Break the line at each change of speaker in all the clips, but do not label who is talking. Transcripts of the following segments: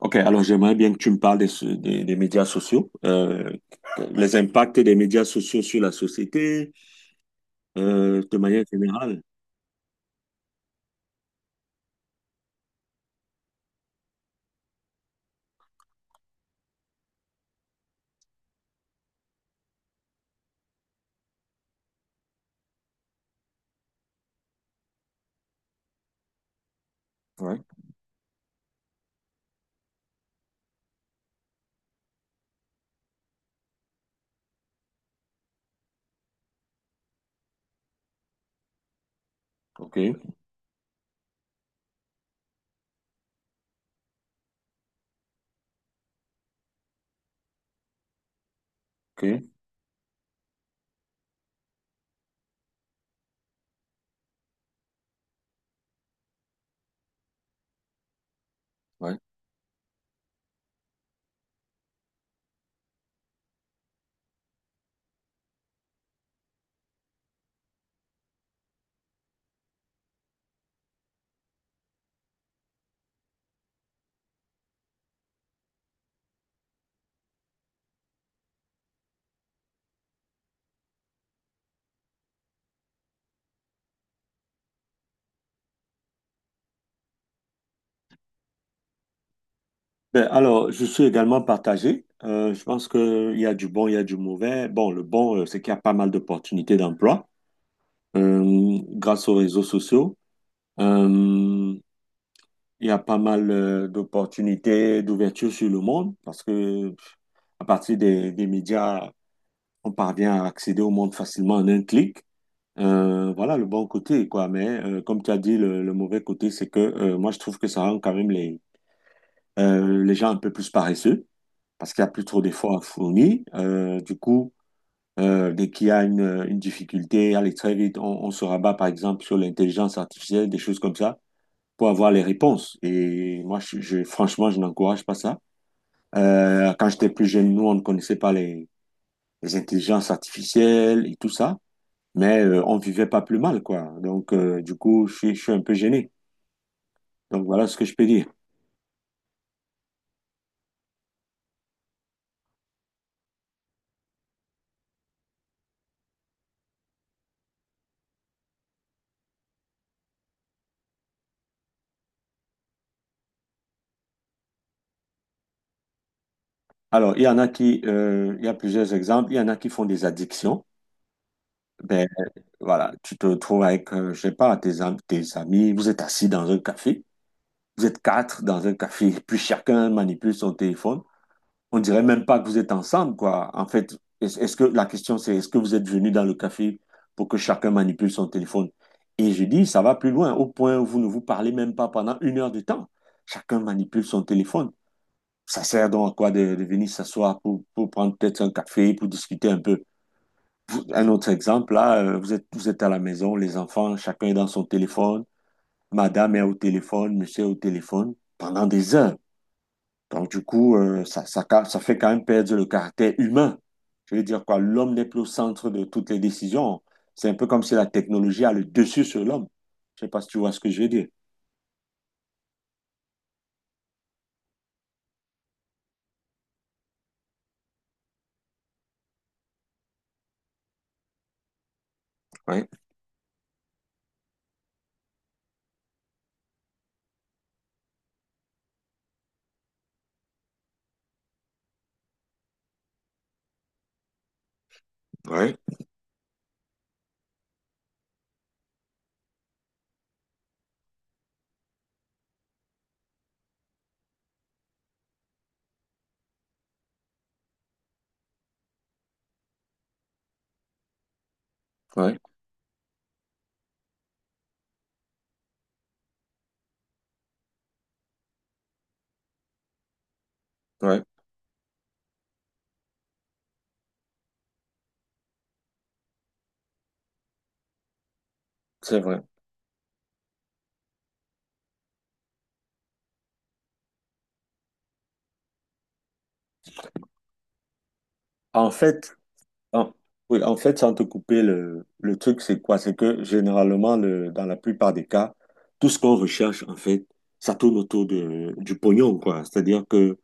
Ok, alors j'aimerais bien que tu me parles des médias sociaux, les impacts des médias sociaux sur la société, de manière générale. Ouais, ok, ok, ouais. Ben, alors, je suis également partagé. Je pense qu'il y a du bon, il y a du mauvais. Bon, le bon, c'est qu'il y a pas mal d'opportunités d'emploi grâce aux réseaux sociaux. Euh, il y a pas mal d'opportunités d'ouverture sur le monde parce que à partir des médias, on parvient à accéder au monde facilement en un clic. Voilà le bon côté, quoi. Mais comme tu as dit, le mauvais côté, c'est que moi, je trouve que ça rend quand même les gens un peu plus paresseux parce qu'il n'y a plus trop d'efforts à fournir. Du coup, dès qu'il y a une difficulté, allez, très vite, on se rabat, par exemple, sur l'intelligence artificielle, des choses comme ça, pour avoir les réponses. Et moi, franchement, je n'encourage pas ça. Quand j'étais plus jeune, nous, on ne connaissait pas les intelligences artificielles et tout ça. Mais on vivait pas plus mal, quoi. Donc, du coup, je suis un peu gêné. Donc, voilà ce que je peux dire. Alors, il y a plusieurs exemples. Il y en a qui font des addictions. Ben, voilà, tu te trouves avec, je sais pas, tes amis, vous êtes assis dans un café. Vous êtes quatre dans un café, puis chacun manipule son téléphone. On dirait même pas que vous êtes ensemble, quoi. En fait, est-ce que la question c'est est-ce que vous êtes venu dans le café pour que chacun manipule son téléphone? Et je dis, ça va plus loin, au point où vous ne vous parlez même pas pendant une heure de temps. Chacun manipule son téléphone. Ça sert donc à quoi de venir s'asseoir pour prendre peut-être un café, pour discuter un peu. Un autre exemple, là, vous êtes à la maison, les enfants, chacun est dans son téléphone, madame est au téléphone, monsieur est au téléphone, pendant des heures. Donc, du coup, ça fait quand même perdre le caractère humain. Je veux dire quoi, l'homme n'est plus au centre de toutes les décisions. C'est un peu comme si la technologie a le dessus sur l'homme. Je sais pas si tu vois ce que je veux dire. Oui, oui, ouais, ouais, c'est vrai. En fait, en, oui, en fait, sans te couper, le truc, c'est quoi? C'est que généralement, dans la plupart des cas, tout ce qu'on recherche, en fait, ça tourne autour de, du pognon, quoi. C'est-à-dire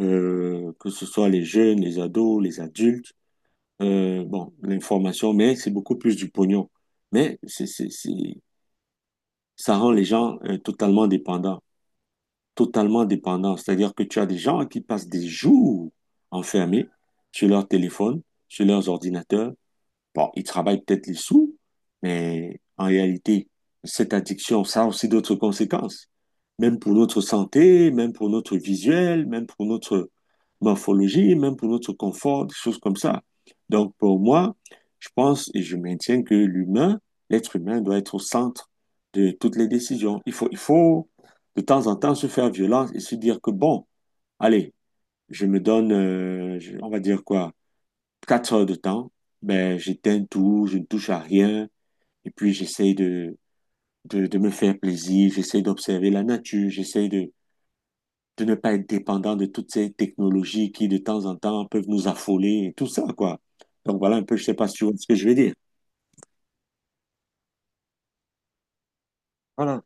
que ce soit les jeunes, les ados, les adultes, bon, l'information, mais c'est beaucoup plus du pognon. Mais ça rend les gens totalement dépendants, totalement dépendants. C'est-à-dire que tu as des gens qui passent des jours enfermés sur leur téléphone, sur leurs ordinateurs. Bon, il travaille peut-être les sous, mais en réalité, cette addiction, ça a aussi d'autres conséquences. Même pour notre santé, même pour notre visuel, même pour notre morphologie, même pour notre confort, des choses comme ça. Donc, pour moi, je pense et je maintiens que l'être humain doit être au centre de toutes les décisions. Il faut de temps en temps se faire violence et se dire que bon, allez, je me donne, je- on va dire quoi, quatre heures de temps, ben, j'éteins tout, je ne touche à rien, et puis j'essaye de me faire plaisir, j'essaye d'observer la nature, j'essaye de ne pas être dépendant de toutes ces technologies qui, de temps en temps, peuvent nous affoler et tout ça, quoi. Donc voilà un peu, je sais pas si tu vois ce que je veux dire. Voilà.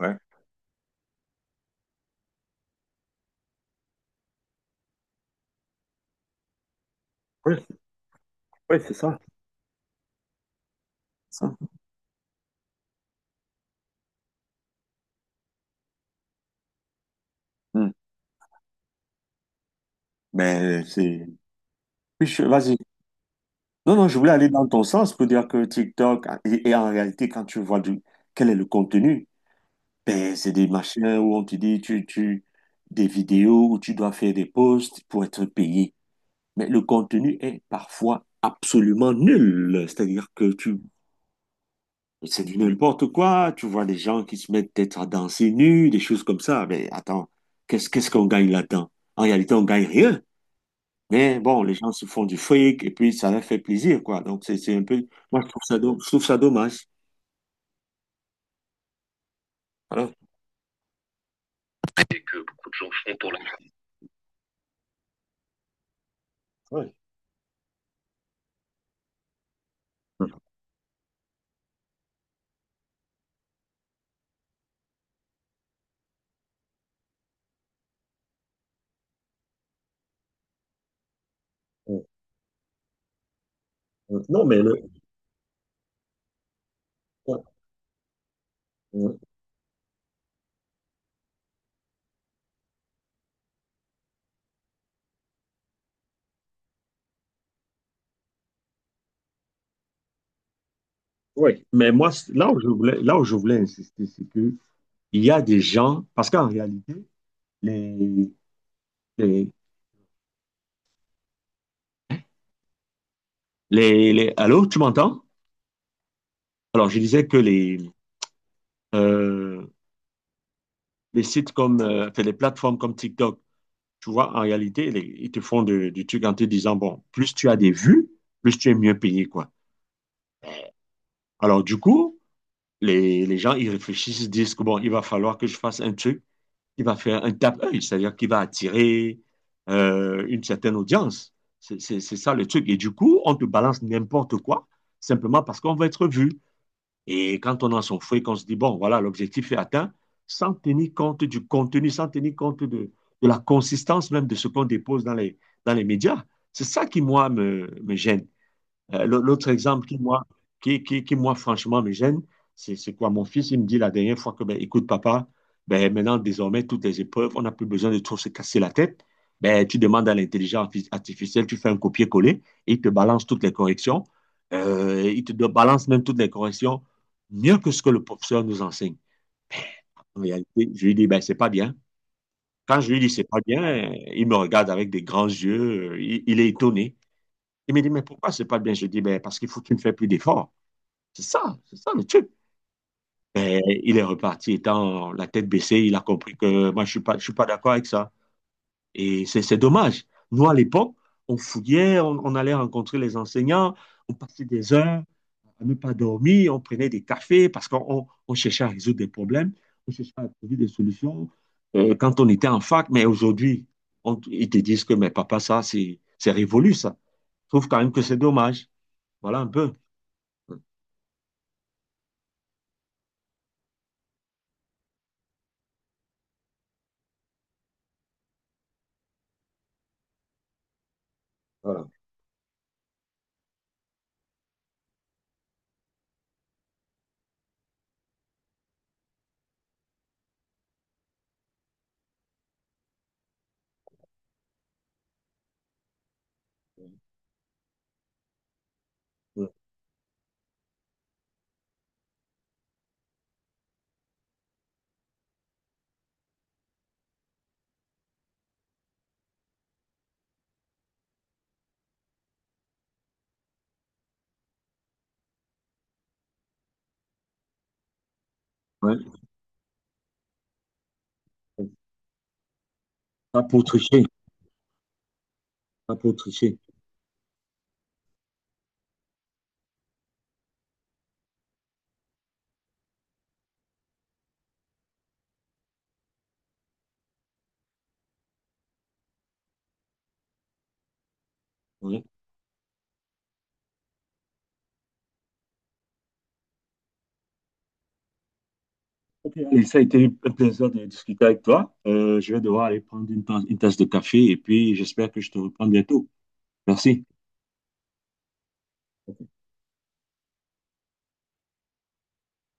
Ouais. Ça. Hmm. Ben, c'est... Vas-y. Non, non, je voulais aller dans ton sens pour dire que TikTok, et en réalité, quand tu vois quel est le contenu. Ben, c'est des machins où on te dit, des vidéos où tu dois faire des posts pour être payé. Mais le contenu est parfois absolument nul. C'est du n'importe quoi. Tu vois des gens qui se mettent peut-être à danser nus, des choses comme ça. Mais attends, qu'est-ce qu'on gagne là-dedans? En réalité, on gagne rien. Mais bon, les gens se font du fric et puis ça leur fait plaisir, quoi. Donc, c'est un peu, moi, je trouve ça dommage. Voilà. Que beaucoup de gens font pour le. Ouais. Euh, Non, mais le- ouais. Oui, mais moi, là où je voulais insister, c'est que il y a des gens, parce qu'en réalité, les, les, Allô, tu m'entends? Alors, je disais que les, euh, les plateformes comme TikTok, tu vois, en réalité, ils te font du truc en te disant, bon, plus tu as des vues, plus tu es mieux payé, quoi. Alors, du coup, les gens, ils réfléchissent, ils disent que, bon, il va falloir que je fasse un truc qui va faire un tape-œil, c'est-à-dire qui va attirer une certaine audience. C'est ça le truc. Et du coup, on te balance n'importe quoi, simplement parce qu'on va être vu. Et quand on a son fouet, qu'on se dit, bon, voilà, l'objectif est atteint, sans tenir compte du contenu, sans tenir compte de la consistance même de ce qu'on dépose dans dans les médias. C'est ça qui, moi, me gêne. L'autre exemple qui, moi, franchement, me gêne, c'est quoi? Mon fils, il me dit la dernière fois que, ben, écoute, papa, ben, maintenant, désormais, toutes les épreuves, on n'a plus besoin de trop se casser la tête. Ben, tu demandes à l'intelligence artificielle, tu fais un copier-coller, et il te balance toutes les corrections. Il te balance même toutes les corrections mieux que ce que le professeur nous enseigne. En réalité, je lui dis, ben, c'est pas bien. Quand je lui dis, c'est pas bien, il me regarde avec des grands yeux, il est étonné. Il me dit, mais pourquoi c'est pas bien? Je dis, ben, parce qu'il faut que tu ne fais plus d'efforts. C'est ça le truc. Mais il est reparti étant la tête baissée, il a compris que moi je suis pas d'accord avec ça. Et c'est dommage. Nous, à l'époque, on fouillait, on allait rencontrer les enseignants, on passait des heures à ne pas dormir, on prenait des cafés parce on cherchait à résoudre des problèmes, on cherchait à trouver des solutions quand on était en fac. Mais aujourd'hui, ils te disent que, mais papa, ça, c'est révolu, ça. Je trouve quand même que c'est dommage. Voilà un peu. Voilà. Ouais. Pas pour tricher, pas pour tricher. Ouais. Ok, allez, ça a été un plaisir de discuter avec toi. Je vais devoir aller prendre une tasse de café et puis j'espère que je te reprends bientôt. Merci.